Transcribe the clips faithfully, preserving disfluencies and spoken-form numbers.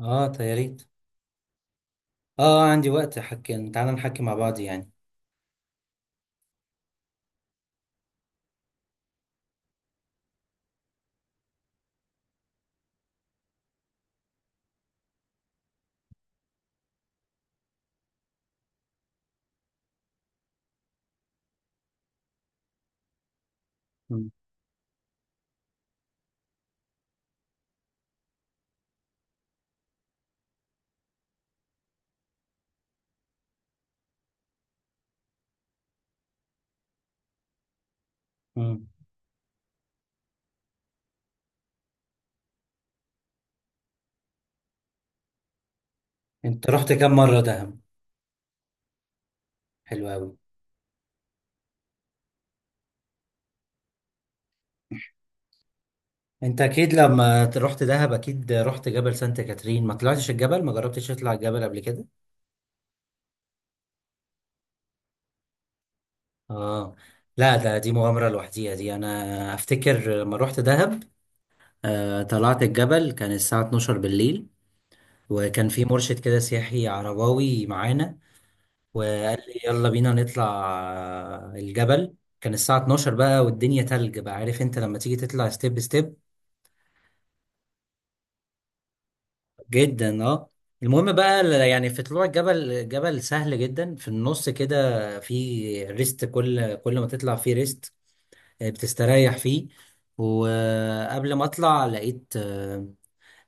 اه، طيب يا ريت. اه، آه، عندي وقت، حكي تعالى نحكي مع بعض يعني. مم. مم. انت رحت كام مرة دهب؟ حلو قوي. انت اكيد لما ت- رحت دهب اكيد رحت جبل سانت كاترين، ما طلعتش الجبل، ما جربتش تطلع الجبل قبل كده؟ اه. لا، ده دي مغامرة لوحديها، دي انا افتكر لما رحت دهب، آه طلعت الجبل كان الساعة الثانية عشرة بالليل. وكان في مرشد كده سياحي عرباوي معانا، وقال لي يلا بينا نطلع آه، الجبل. كان الساعة اتناشر بقى والدنيا تلج بقى، عارف انت لما تيجي تطلع ستيب ستيب جدا. اه. المهم بقى ل- يعني في طلوع الجبل، جبل سهل جدا، في النص كده في ريست، كل كل ما تطلع فيه ريست آه، بتستريح فيه. وقبل ما اطلع لقيت آه،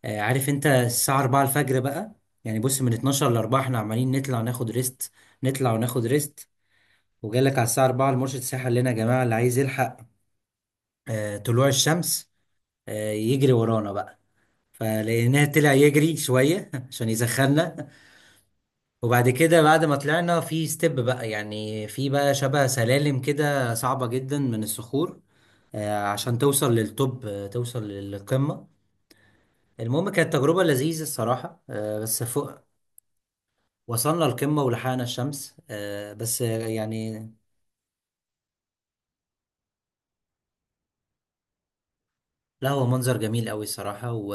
آه، عارف انت الساعة اربعة الفجر بقى. يعني بص، من اتناشر ل اربعة احنا عمالين نطلع ناخد ريست، نطلع وناخد ريست. وجالك على الساعة اربعة المرشد السياحي قال لنا: يا جماعة اللي عايز يلحق آه، طلوع الشمس آه، يجري ورانا بقى. فلقيناه طلع يجري شوية عشان يسخننا. وبعد كده بعد ما طلعنا في ستيب بقى، يعني في بقى شبه سلالم كده صعبة جدا من الصخور آه، عشان توصل للتوب، آه، توصل للقمة. المهم كانت تجربة لذيذة الصراحة آه، بس فوق وصلنا القمة ولحقنا الشمس، آه، بس آه، يعني لا، هو منظر جميل قوي الصراحة. و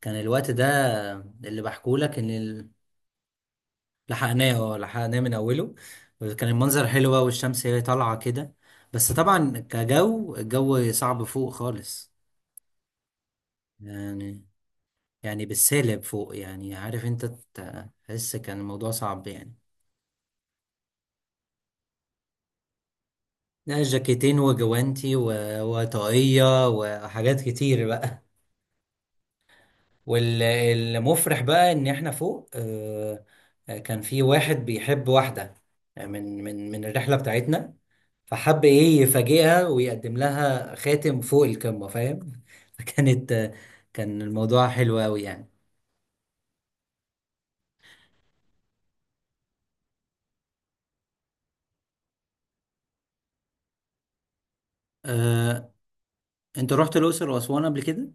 كان الوقت ده اللي بحكولك ان ال- لحقناه، اه لحقناه من اوله. كان المنظر حلو بقى والشمس هي طالعه كده. بس طبعا كجو الجو صعب فوق خالص يعني، يعني بالسالب فوق، يعني عارف انت، ت- تحس كان الموضوع صعب يعني. لا، جاكيتين وجوانتي و- وطاقية وحاجات كتير بقى. والمفرح بقى ان احنا فوق آه، كان في واحد بيحب واحدة من من من الرحلة بتاعتنا، فحب ايه يفاجئها ويقدم لها خاتم فوق القمة، فاهم؟ فكانت، كان الموضوع حلو قوي يعني. أه... انت رحت الأقصر وأسوان قبل كده؟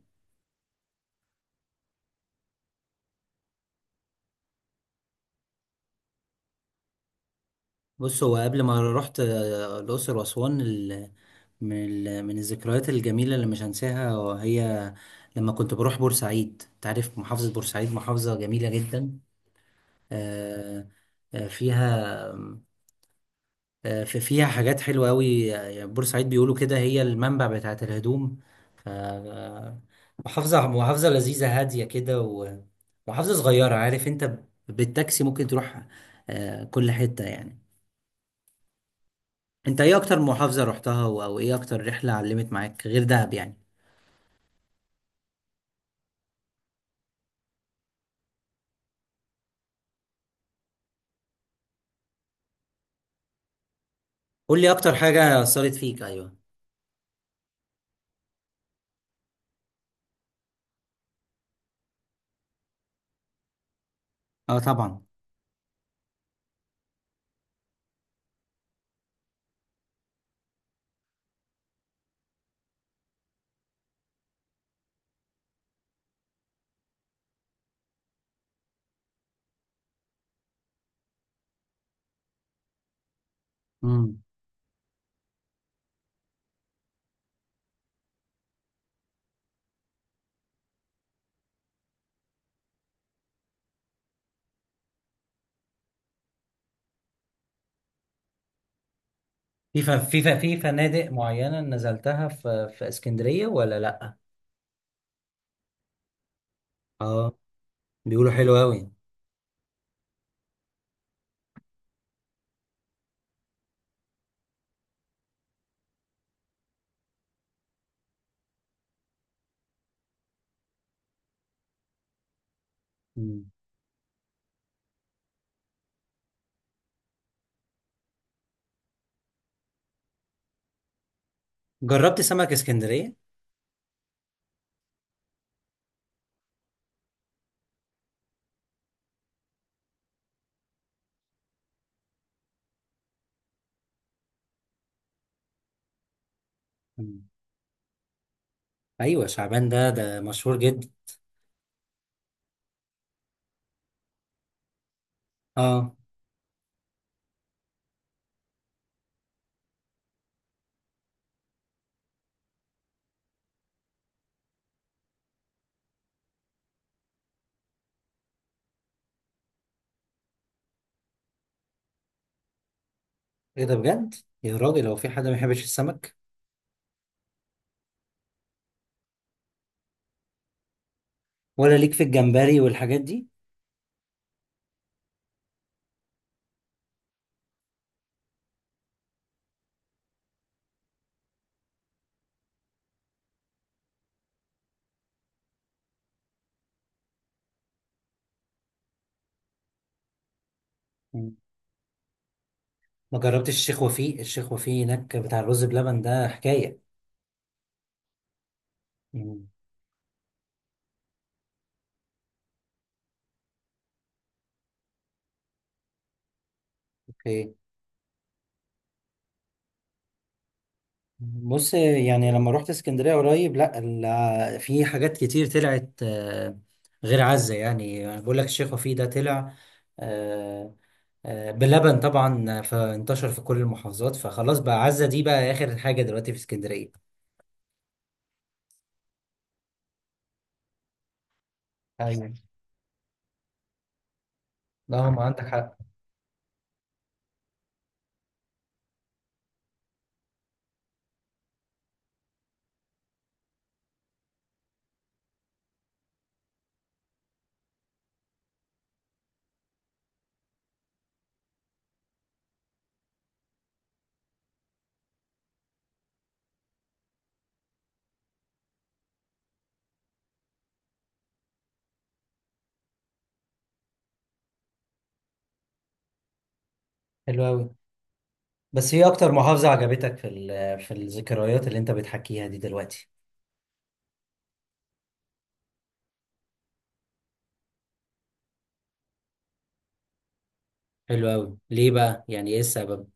بص، هو قبل ما رحت آه، الأقصر وأسوان، ال... من ال... من الذكريات الجميلة اللي مش هنساها وهي لما كنت بروح بورسعيد. تعرف محافظة بورسعيد محافظة جميلة جدا. أه... آه، فيها آه، في فيها حاجات حلوة أوي، آه، يعني بورسعيد بيقولوا كده هي المنبع بتاعة الهدوم. ف آه، محافظة محافظة لذيذة هادية كده، ومحافظة صغيرة، عارف أنت، ب- بالتاكسي ممكن تروح آه، كل حتة يعني. أنت إيه أكتر محافظة رحتها و- أو إيه أكتر رحلة علمت معاك غير دهب يعني؟ قول لي أكتر حاجة أثرت فيك. أيوه. أه طبعا. مم. في ف- في ف- في فنادق معينة نزلتها في في اسكندرية ولا لأ؟ اه. بيقولوا حلو أوي. مم. جربت سمك اسكندرية؟ مم. ايوه، شعبان ده ده مشهور جدا. اه. ايه ده بجد؟ يا راجل، هو في حد ما يحبش السمك؟ ولا ليك في الجمبري والحاجات دي؟ مم. ما جربتش الشيخ وفيق؟ الشيخ وفيق هناك بتاع الرز بلبن ده حكايه. مم. اوكي. بص يعني لما رحت اسكندريه قريب، لا ال- في حاجات كتير طلعت آه، غير عزه، يعني أنا بقول لك الشيخ وفيق ده طلع آه، آه، بلبن طبعا، فانتشر في كل المحافظات، فخلاص بقى عزه دي بقى اخر حاجه دلوقتي في اسكندريه. أيوة. لا، هم عندك حق. حلو قوي. بس هي اكتر محافظة عجبتك في ال- في الذكريات اللي انت بتحكيها دي دلوقتي؟ حلو قوي، ليه بقى، يعني ايه السبب؟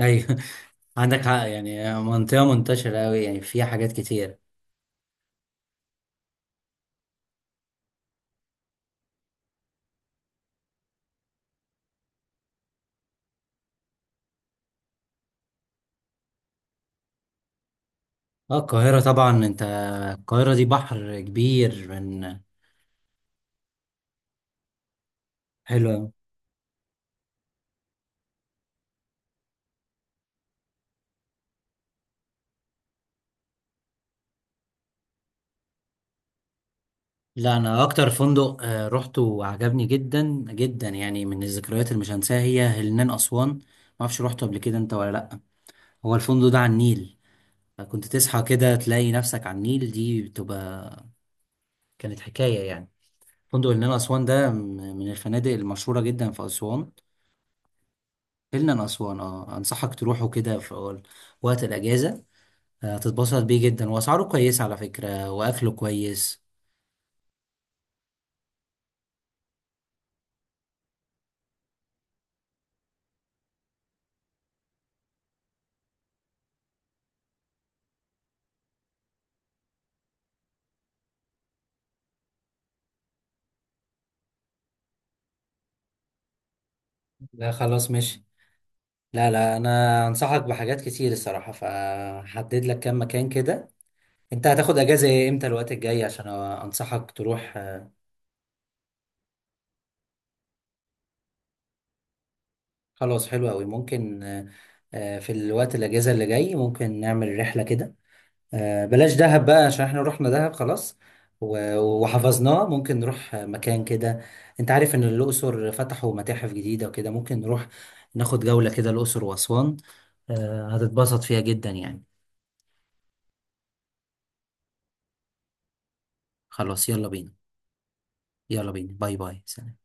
ايوه عندك حق، يعني منطقة منتشرة أوي يعني، فيها حاجات كتير. اه، القاهرة طبعا انت، القاهرة دي بحر كبير من. حلو أوي. لا، أنا أكتر فندق آه، روحته وعجبني جدا جدا يعني، من الذكريات اللي مش هنساها، هي هلنان أسوان. معرفش روحته قبل كده أنت ولا لأ. هو الفندق ده على النيل، كنت تصحى كده تلاقي نفسك على النيل، دي بتبقى، كانت حكاية يعني. فندق النيل أسوان ده م- من الفنادق المشهورة جدا في أسوان. النيل أسوان، اه أنصحك تروحه كده في أول- وقت الأجازة. آه، هتتبسط بيه جدا، وأسعاره كويسة على فكرة، وأكله كويس. لا خلاص ماشي. لا لا، أنا أنصحك بحاجات كتير الصراحة، فهحدد لك كام مكان كده. أنت هتاخد أجازة إمتى الوقت الجاي عشان أنصحك تروح؟ خلاص حلو قوي، ممكن آه، آه، في الوقت الاجازه اللي جاي ممكن نعمل رحله كده، آه، بلاش دهب بقى عشان احنا رحنا دهب خلاص، و- وحفظناه، ممكن نروح آه، مكان كده. انت عارف ان الاقصر فتحوا متاحف جديده وكده، ممكن نروح ناخد جوله كده الاقصر واسوان، آه، هتتبسط فيها جدا يعني. خلاص يلا بينا. يلا بينا، باي باي سلام.